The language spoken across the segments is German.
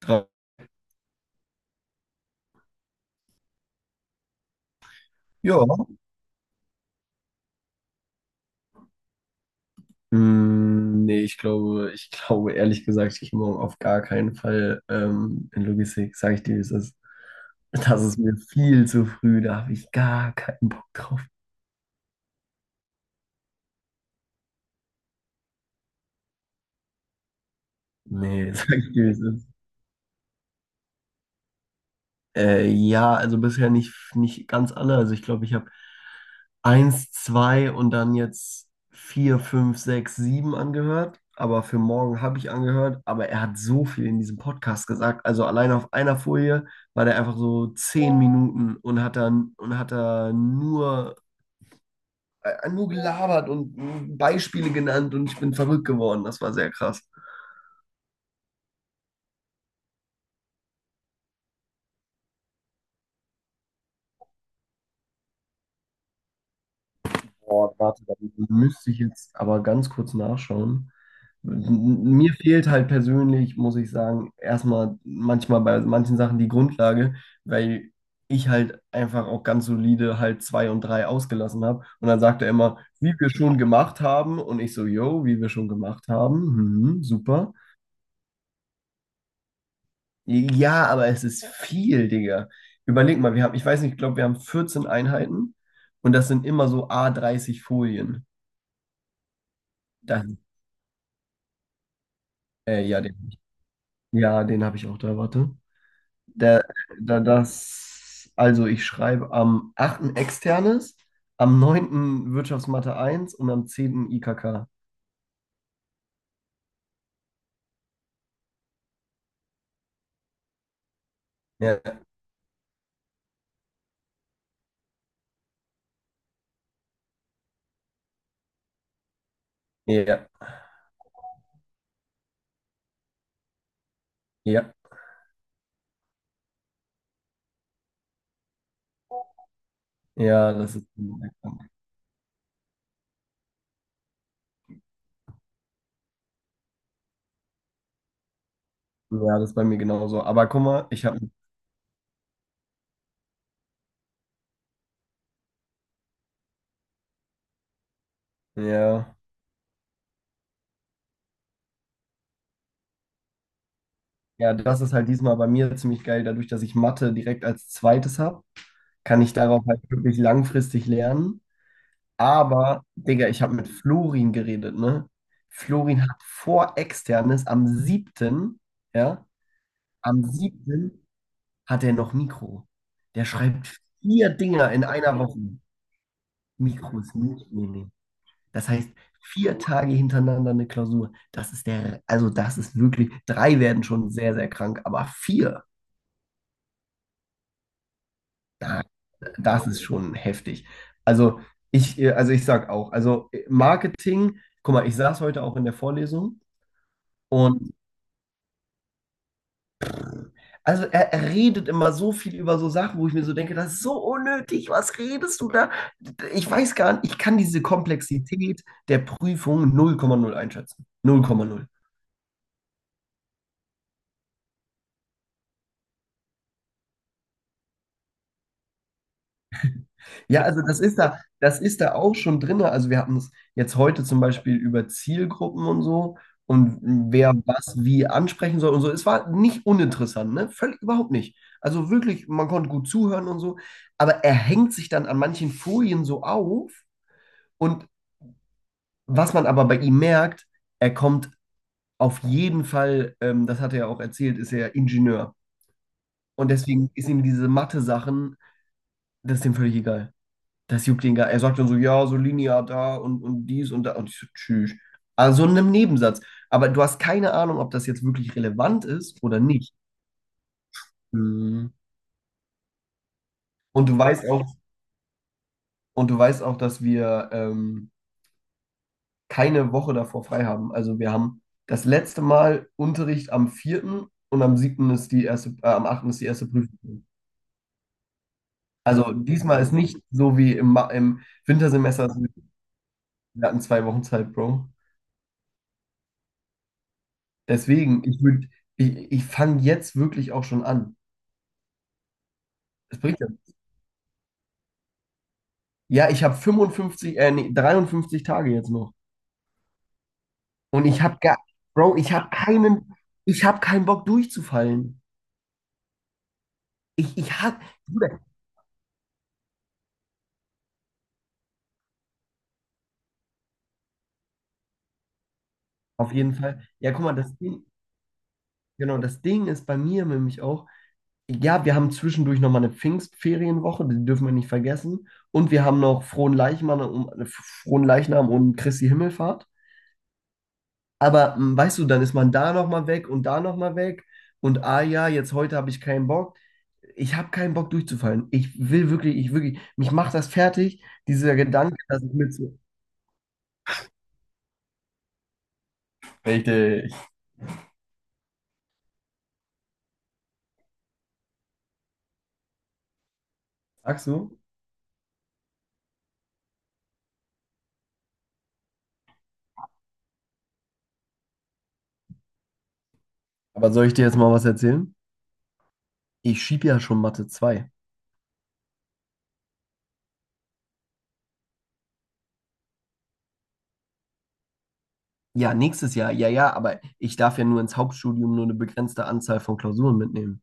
Drei. Ja. Nee, ich glaube ehrlich gesagt, ich gehe morgen auf gar keinen Fall in Logistik, sage ich dir, wie es ist. Das ist mir viel zu früh, da habe ich gar keinen Bock drauf. Nee, sag ich dir, wie es ist. Ja, also bisher nicht ganz alle. Also ich glaube, ich habe eins, zwei und dann jetzt vier, fünf, sechs, sieben angehört. Aber für morgen habe ich angehört. Aber er hat so viel in diesem Podcast gesagt. Also allein auf einer Folie war der einfach so 10 Minuten und hat dann und hat da nur, nur gelabert und Beispiele genannt und ich bin verrückt geworden. Das war sehr krass. Boah, warte, da müsste ich jetzt aber ganz kurz nachschauen. Mir fehlt halt persönlich, muss ich sagen, erstmal manchmal bei manchen Sachen die Grundlage, weil ich halt einfach auch ganz solide halt zwei und drei ausgelassen habe. Und dann sagt er immer, wie wir schon gemacht haben. Und ich so, yo, wie wir schon gemacht haben. Mhm, super. Ja, aber es ist viel, Digga. Überleg mal, wir haben, ich weiß nicht, ich glaube, wir haben 14 Einheiten und das sind immer so à 30 Folien. Das, ja, Digga. Ja, den habe ich auch da, warte. Der, also ich schreibe am 8. Externes, am 9. Wirtschaftsmathe eins und am 10. IKK. Ja, ja, ja, ja, das ist bei mir genauso. Aber guck mal, ja, ja, das ist halt diesmal bei mir ziemlich geil, dadurch, dass ich Mathe direkt als zweites habe, kann ich darauf halt wirklich langfristig lernen. Aber, Digga, ich habe mit Florin geredet, ne? Florin hat vor Externes am 7., ja, am siebten hat er noch Mikro. Der schreibt vier Dinger in einer Woche. Mikro ist nicht, nee, nee. Das heißt, vier Tage hintereinander eine Klausur. Also das ist wirklich, drei werden schon sehr, sehr krank, aber vier, da, das ist schon heftig. Also also ich sag auch, Marketing, guck mal, ich saß heute auch in der Vorlesung. Und also er redet immer so viel über so Sachen, wo ich mir so denke, das ist so unnötig, was redest du da? Ich weiß gar nicht, ich kann diese Komplexität der Prüfung 0,0 einschätzen. 0,0. Ja, also das ist da auch schon drin. Also wir hatten es jetzt heute zum Beispiel über Zielgruppen und so und wer was wie ansprechen soll und so. Es war nicht uninteressant, ne? Völlig überhaupt nicht. Also wirklich, man konnte gut zuhören und so, aber er hängt sich dann an manchen Folien so auf. Und was man aber bei ihm merkt, er kommt auf jeden Fall, das hat er ja auch erzählt, ist er Ingenieur. Und deswegen ist ihm diese Mathe-Sachen, das ist ihm völlig egal. Das juckt ihn gar. Er sagt dann so, ja, so linear da und dies und da. Und ich so, tschüss. Also in einem Nebensatz. Aber du hast keine Ahnung, ob das jetzt wirklich relevant ist oder nicht. Mhm. Und du weißt auch, und du weißt auch, dass wir keine Woche davor frei haben. Also wir haben das letzte Mal Unterricht am 4. und am 7. ist die erste, am 8. ist die erste Prüfung. Also diesmal ist nicht so wie im Wintersemester, dass wir hatten zwei Wochen Zeit, Bro. Deswegen, ich fange jetzt wirklich auch schon an. Es bringt ja. Ja, ich habe 55, nee, 53 Tage jetzt noch. Und ich habe gar, Bro, ich habe keinen Bock durchzufallen. Ich, ich hab, Bruder, auf jeden Fall. Ja, guck mal, Genau, das Ding ist bei mir nämlich auch, ja, wir haben zwischendurch nochmal eine Pfingstferienwoche, die dürfen wir nicht vergessen. Und wir haben noch Frohen Leichnam und Christi Himmelfahrt. Aber weißt du, dann ist man da nochmal weg und da nochmal weg. Und ah ja, jetzt heute habe ich keinen Bock. Ich habe keinen Bock durchzufallen. Ich will wirklich, ich wirklich, mich macht das fertig, dieser Gedanke, dass ich mit so. Richtig. Sagst du? Aber soll ich dir jetzt mal was erzählen? Ich schiebe ja schon Mathe 2. Ja, nächstes Jahr, ja, ja, aber ich darf ja nur ins Hauptstudium nur eine begrenzte Anzahl von Klausuren mitnehmen.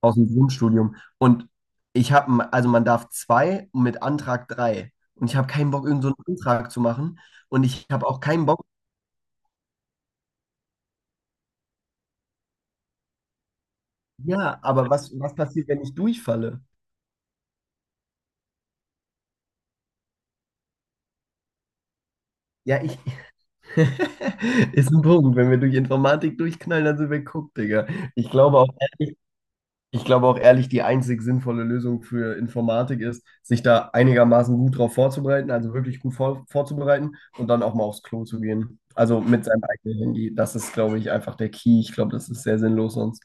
Aus dem Grundstudium. Und also man darf zwei mit Antrag drei. Und ich habe keinen Bock, irgendeinen so einen Antrag zu machen. Und ich habe auch keinen Bock, ja, aber was passiert, wenn ich durchfalle? Ja, ich. Ist ein Punkt. Wenn wir durch Informatik durchknallen, dann sind wir geguckt, Digga. Ich glaube auch, Ich glaube auch ehrlich, die einzig sinnvolle Lösung für Informatik ist, sich da einigermaßen gut drauf vorzubereiten, also wirklich gut vorzubereiten und dann auch mal aufs Klo zu gehen. Also mit seinem eigenen Handy. Das ist, glaube ich, einfach der Key. Ich glaube, das ist sehr sinnlos sonst.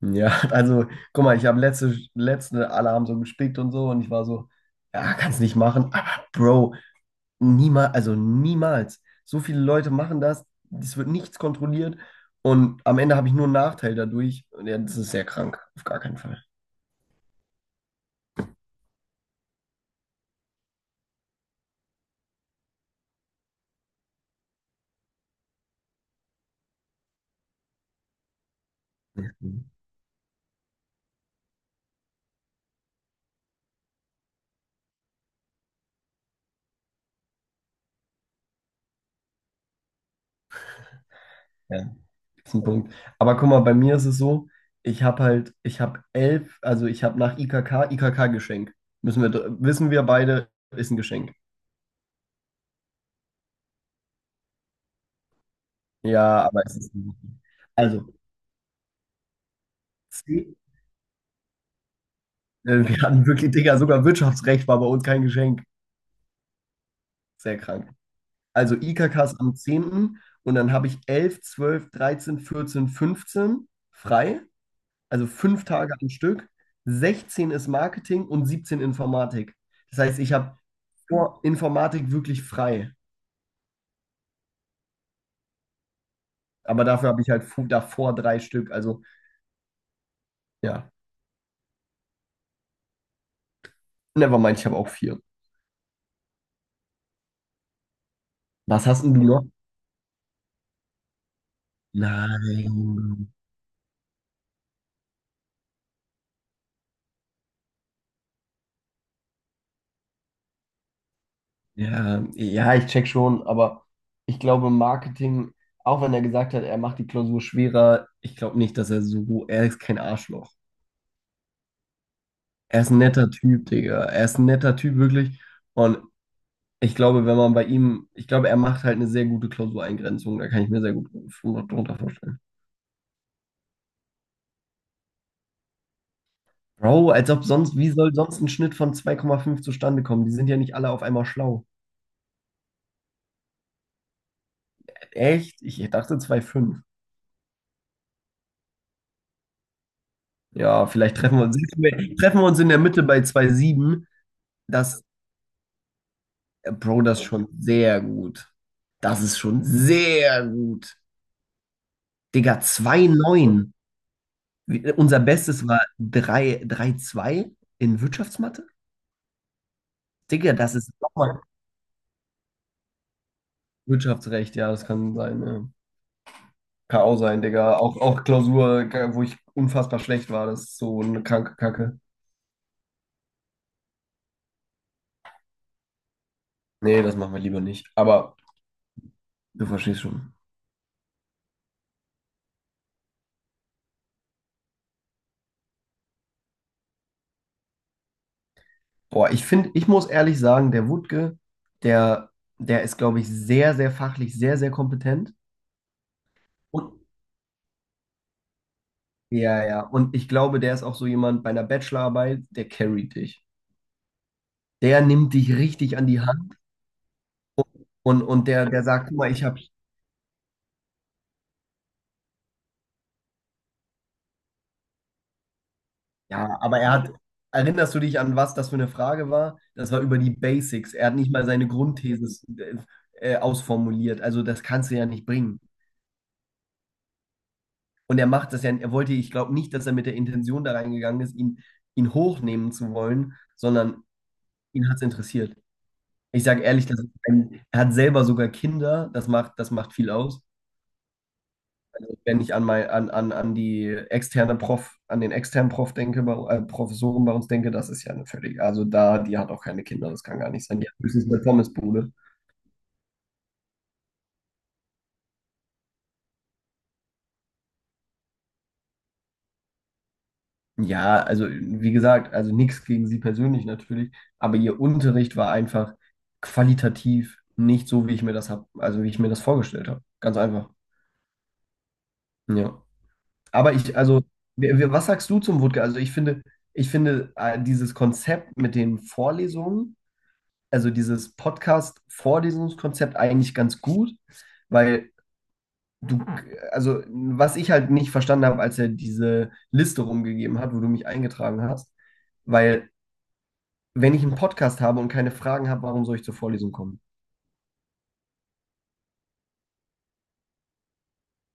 Ja, also guck mal, ich habe alle haben so gespickt und so und ich war so, ja, kannst nicht machen. Aber Bro, niemals, also niemals. So viele Leute machen das, es wird nichts kontrolliert und am Ende habe ich nur einen Nachteil dadurch. Und ja, das ist sehr krank, auf gar keinen Fall. Mhm. Ja, das ist ein Punkt. Aber guck mal, bei mir ist es so, ich habe elf, also ich habe nach IKK, IKK-Geschenk. Wissen wir beide, ist ein Geschenk. Ja, aber es ist. Also, C, Wir hatten wirklich, Digga, sogar Wirtschaftsrecht war bei uns kein Geschenk. Sehr krank. Also IKK ist am 10. und dann habe ich 11 12 13 14 15 frei. Also fünf Tage am Stück, 16 ist Marketing und 17 Informatik. Das heißt, ich habe vor Informatik wirklich frei. Aber dafür habe ich halt davor drei Stück. Also ja, nevermind, ich habe auch vier. Was hast denn du noch? Nein. Ja, ja, ich check schon, aber ich glaube, Marketing, auch wenn er gesagt hat, er macht die Klausur schwerer, ich glaube nicht, dass er so, er ist kein Arschloch. Er ist ein netter Typ, Digga. Er ist ein netter Typ, wirklich. Und ich glaube, wenn man bei ihm, ich glaube, er macht halt eine sehr gute Klausureingrenzung. Da kann ich mir sehr gut drunter vorstellen. Bro, als ob sonst, wie soll sonst ein Schnitt von 2,5 zustande kommen? Die sind ja nicht alle auf einmal schlau. Echt? Ich dachte 2,5. Ja, vielleicht treffen wir uns, treffen wir uns in der Mitte bei 2,7. Das, Bro, das ist schon sehr gut. Das ist schon sehr gut. Digga, 2,9. Unser Bestes war 3, 3,2 in Wirtschaftsmathe. Digga, das ist Wirtschaftsrecht, ja, das kann sein, ja. Kann auch sein, Digga. Auch Klausur, wo ich unfassbar schlecht war, das ist so eine kranke Kacke. Nee, das machen wir lieber nicht. Aber du verstehst schon. Boah, ich finde, ich muss ehrlich sagen, der Wutke, der, der ist, glaube ich, sehr, sehr fachlich, sehr, sehr kompetent. Und, ja, ja. Und ich glaube, der ist auch so jemand bei einer Bachelorarbeit, der carryt dich. Der nimmt dich richtig an die Hand und der sagt, guck mal, ich habe. Ja, aber er hat, erinnerst du dich an was das für eine Frage war? Das war über die Basics. Er hat nicht mal seine Grundthese ausformuliert. Also das kannst du ja nicht bringen. Und er macht das ja, er wollte, ich glaube nicht, dass er mit der Intention da reingegangen ist, ihn hochnehmen zu wollen, sondern ihn hat es interessiert. Ich sage ehrlich, das ist ein, er hat selber sogar Kinder, das macht viel aus. Also, wenn ich an die externe Prof, an den externen Prof denke, bei, Professoren bei uns denke, das ist ja eine völlig, also da, die hat auch keine Kinder, das kann gar nicht sein. Die hat höchstens eine Pommesbude. Ja, also wie gesagt, also nichts gegen sie persönlich natürlich, aber ihr Unterricht war einfach qualitativ nicht so, wie ich mir das hab, also wie ich mir das vorgestellt habe. Ganz einfach. Ja. Aber ich, also, was sagst du zum Wutke? Also ich finde, dieses Konzept mit den Vorlesungen, also dieses Podcast-Vorlesungskonzept eigentlich ganz gut, weil du, also was ich halt nicht verstanden habe, als er diese Liste rumgegeben hat, wo du mich eingetragen hast, weil wenn ich einen Podcast habe und keine Fragen habe, warum soll ich zur Vorlesung kommen?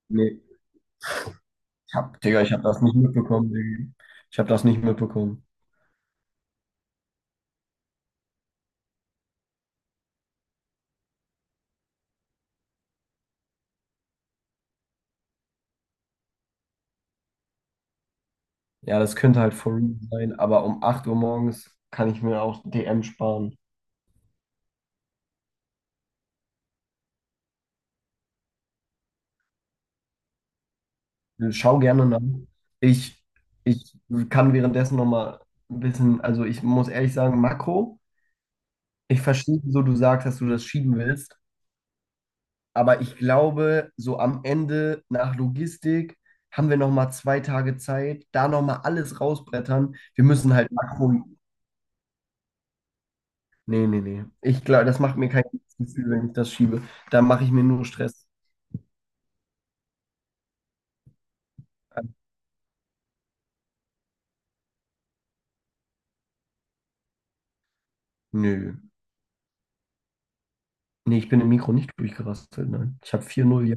Nee, Digga, ich habe das nicht mitbekommen. Digga. Ich habe das nicht mitbekommen. Ja, das könnte halt for real sein, aber um 8 Uhr morgens kann ich mir auch DM sparen. Schau gerne nach. Ich, ich kann währenddessen nochmal ein bisschen, also ich muss ehrlich sagen, Makro, ich verstehe, wieso du sagst, dass du das schieben willst, aber ich glaube, so am Ende nach Logistik haben wir nochmal zwei Tage Zeit, da nochmal alles rausbrettern. Wir müssen halt Makro. Nee, nee, nee. Ich glaube, das macht mir kein gutes Gefühl, wenn ich das schiebe. Da mache ich mir nur Stress. Nö. Nee, ich bin im Mikro nicht durchgerastet, nein. Ich habe 4,0 ja.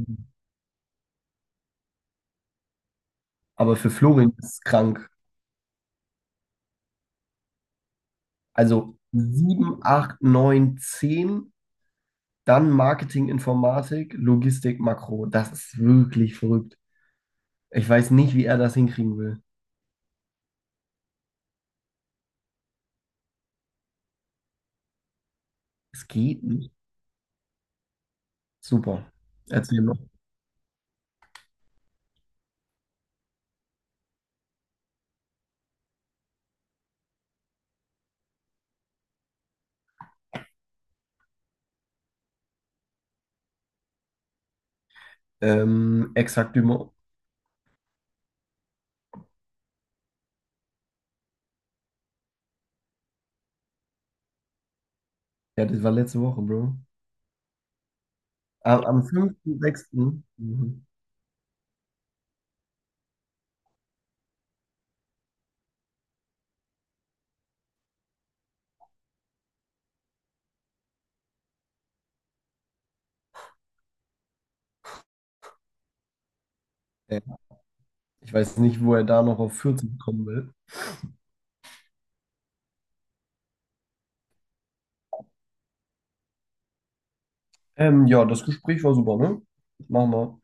Aber für Florian ist es krank. Also 7, 8, 9, 10, dann Marketing, Informatik, Logistik, Makro. Das ist wirklich verrückt. Ich weiß nicht, wie er das hinkriegen will. Es geht nicht. Super. Erzähl mal. Exakt immer. Ja, das war letzte Woche, Bro. Am fünften sechsten. Mhm. Ja. Ich weiß nicht, wo er da noch auf 40 kommen will. Ja, das Gespräch war super, ne? Machen wir.